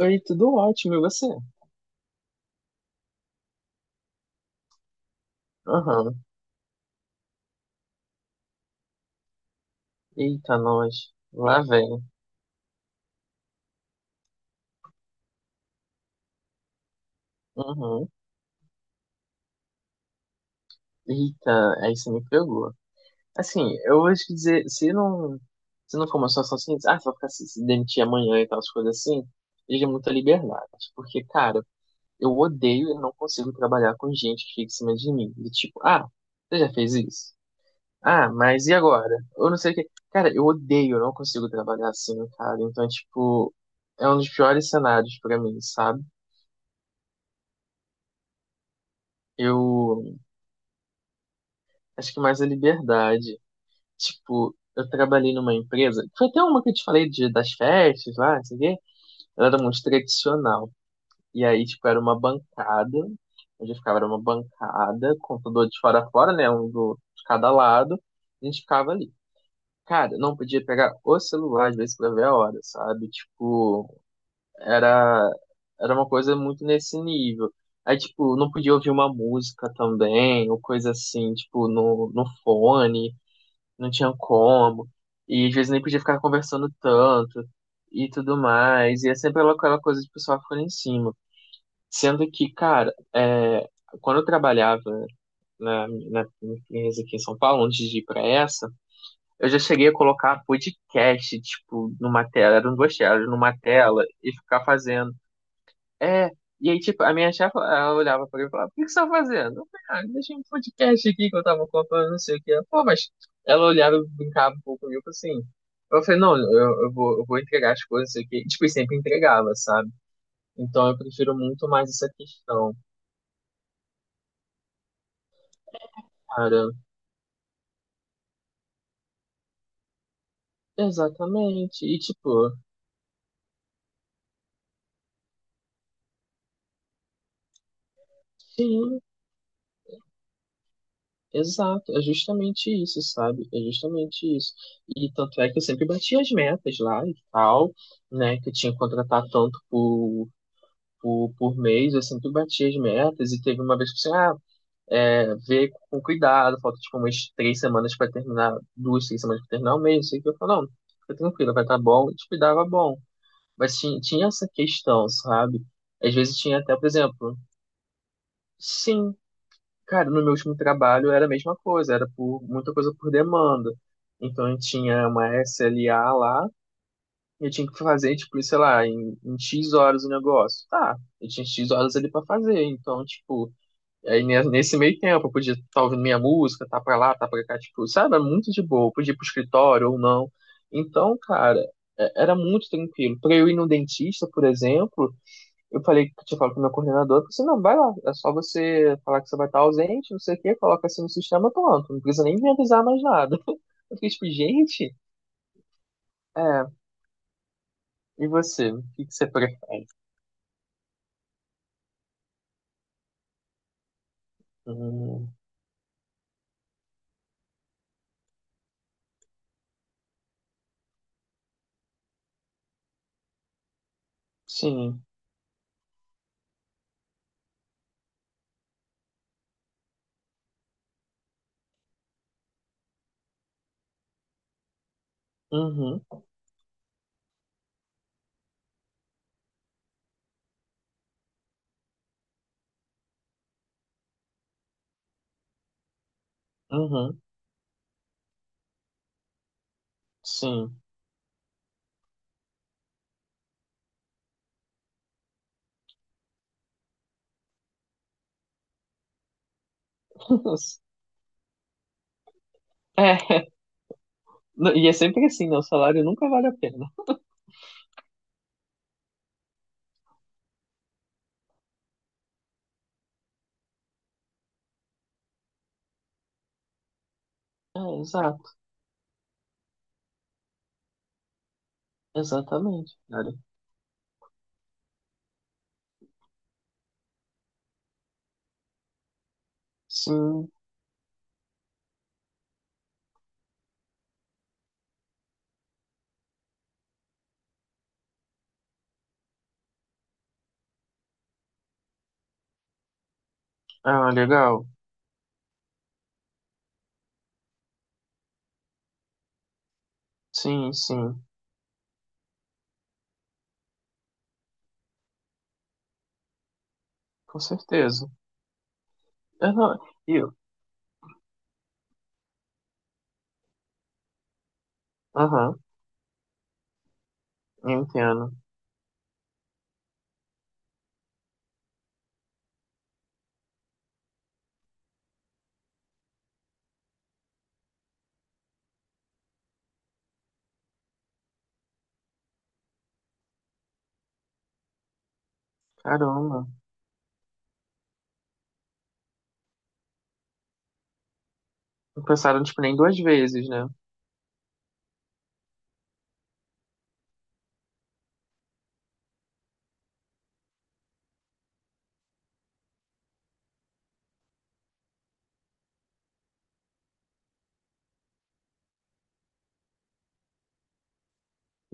Oi, tudo ótimo, e você? Aham. Eita, nós. Lá vem. Uhum. Eita, aí você me pegou. Assim, eu vou te dizer, se não for uma situação assim, ah, você vai ficar se demitir amanhã e tal, as coisas assim, exige muita liberdade. Porque, cara, eu odeio e não consigo trabalhar com gente que fica em cima de mim. Do tipo, ah, você já fez isso? Ah, mas e agora? Eu não sei o que. Cara, eu odeio, eu não consigo trabalhar assim, cara. Então, é, tipo, é um dos piores cenários pra mim, sabe? Eu acho que mais a liberdade. Tipo, eu trabalhei numa empresa, foi até uma que eu te falei de, das festas lá, não sei o quê. Ela era muito tradicional. E aí, tipo, era uma bancada, onde eu ficava, era uma bancada, computador de fora a fora, né? Um do, de cada lado. A gente ficava ali. Cara, não podia pegar o celular, às vezes, pra ver a hora, sabe? Tipo, era era uma coisa muito nesse nível. Aí, tipo, não podia ouvir uma música também, ou coisa assim, tipo, no fone, não tinha como. E às vezes nem podia ficar conversando tanto e tudo mais. E é sempre aquela coisa de pessoal ficar em cima. Sendo que, cara, é, quando eu trabalhava na minha empresa aqui em São Paulo, antes de ir pra essa, eu já cheguei a colocar podcast, tipo, numa tela, eram duas telas, numa tela, e ficar fazendo. É, e aí, tipo, a minha chefe, ela olhava pra mim e falava, o que que você tá fazendo? Eu falei, ah, deixei um podcast aqui que eu tava contando, não sei o que. Ela, Pô, mas ela olhava, e brincava um pouco comigo, assim. Eu falei, não, eu vou entregar as coisas aqui. Tipo, e sempre entregava, sabe? Então eu prefiro muito mais essa questão, cara. Exatamente. E, tipo, sim, exato. É justamente isso, sabe? É justamente isso. E tanto é que eu sempre bati as metas lá e tal, né? Que eu tinha que contratar tanto por mês, eu sempre bati as metas e teve uma vez que assim, ah, é, ver com cuidado, falta tipo umas 3 semanas para terminar, duas, três semanas para terminar o mês, sei que eu falo, não, fica tranquilo, vai estar bom, e tipo, dava bom. Mas tinha essa questão, sabe? Às vezes tinha até, por exemplo, sim, cara, no meu último trabalho era a mesma coisa, era por muita coisa por demanda. Então eu tinha uma SLA lá, e eu tinha que fazer, tipo, sei lá, em X horas o negócio. Tá, eu tinha X horas ali pra fazer, então, tipo, aí nesse meio tempo eu podia estar ouvindo minha música, tá pra lá, tá pra cá, tipo, sabe? Era muito de boa. Eu podia ir pro escritório ou não. Então, cara, era muito tranquilo. Pra eu ir no dentista, por exemplo, eu falei, tinha falado com o meu coordenador, eu falei assim, não, vai lá, é só você falar que você vai estar ausente, não sei o quê, coloca assim no sistema, pronto. Não precisa nem me avisar mais nada. Eu fiquei tipo, gente, é, e você? O que que você prefere? Hum, sim. Uhum, uhum, sim. É. Não. E é sempre assim, né? O salário nunca vale a pena. É, exato. Exatamente, cara. Sim. Ah, legal. Sim, sim. Com certeza. Eu não. Eu. Aham, eu entendo. Caramba. Não pensaram, tipo, nem duas vezes, né?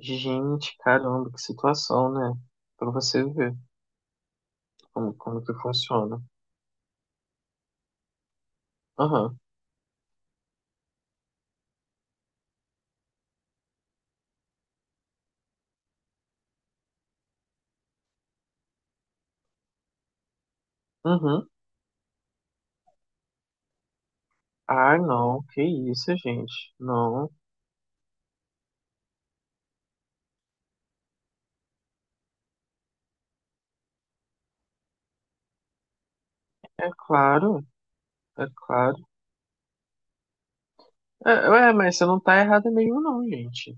Gente, caramba, que situação, né? Pra você ver como que funciona. Aham. Uhum. Ah, não. Que isso, gente. Não. É claro. É claro. É, ué, mas você não tá errada mesmo, não, gente.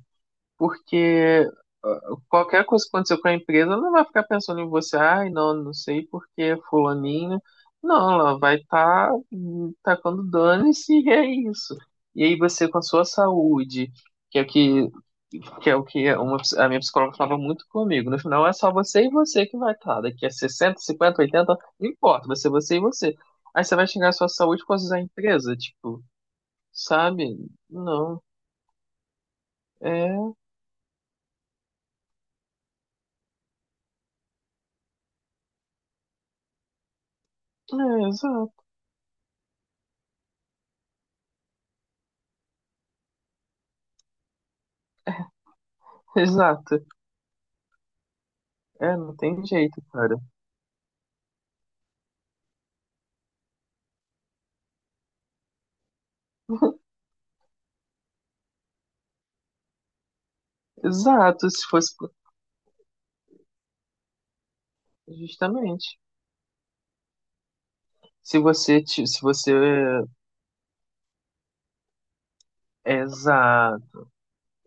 Porque ah, qualquer coisa que acontecer com a empresa ela não vai ficar pensando em você, ai, não, não sei porque fulaninho. Não, ela vai estar tá, tacando dane-se e é isso. E aí você com a sua saúde, que é o que uma, a minha psicóloga falava muito comigo. No final é só você e você que vai estar. Daqui a 60, 50, 80, não importa, vai ser você e você. Aí você vai chegar à sua saúde com a empresa, tipo, sabe? Não. É, é exato, exato. É, não tem jeito, cara. Exato, se fosse pro- justamente. Se você é exa,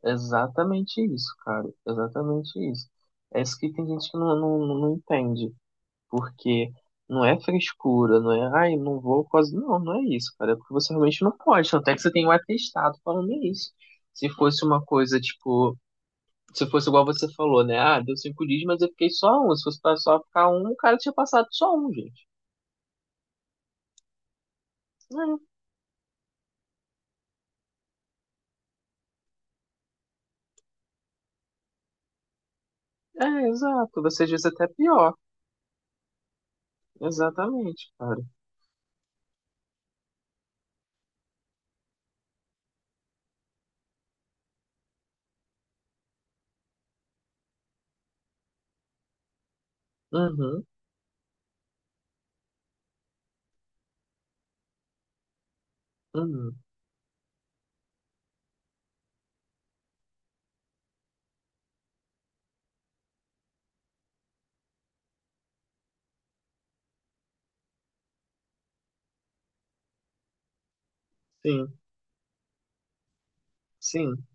exatamente isso, cara, exatamente isso. É isso que tem gente que não entende, porque não é frescura, não é, ai, não vou quase, não, não é isso, cara, é porque você realmente não pode, tanto é que você tem um atestado falando isso. Se fosse uma coisa, tipo, se fosse igual você falou, né, ah, deu 5 dias, mas eu fiquei só um, se fosse pra só ficar um, o cara tinha passado só um, gente. É. É, exato. Você diz até pior. Exatamente, cara. Uhum, uhum. Sim, sim.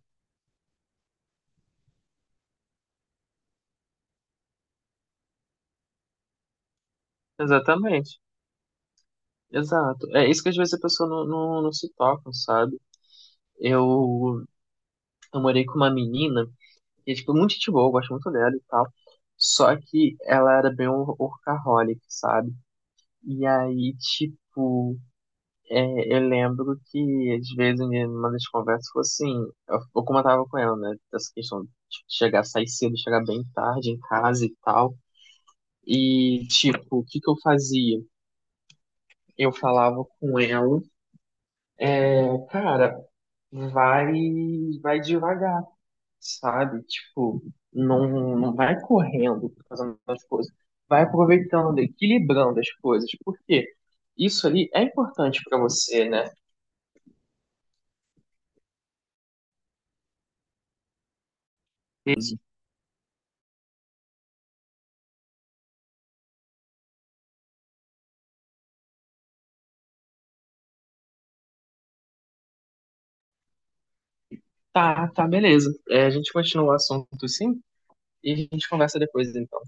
Exatamente. Exato. É isso que às vezes a pessoa não se toca, sabe? Eu, eu morei com uma menina, que é, tipo, muito gente boa, eu gosto muito dela e tal. Só que ela era bem workaholic, sabe? E aí, tipo, é, eu lembro que, às vezes, em uma das conversas foi assim, eu comentava com ela, né, dessa questão de chegar, sair cedo, chegar bem tarde em casa e tal. E, tipo, o que que eu fazia? Eu falava com ela, "É, cara, vai, vai, devagar, sabe? Tipo, não vai correndo, fazendo as coisas. Vai aproveitando, equilibrando as coisas, porque isso ali é importante pra você, né? Tá, tá, beleza. É, a gente continua o assunto sim e a gente conversa depois, então.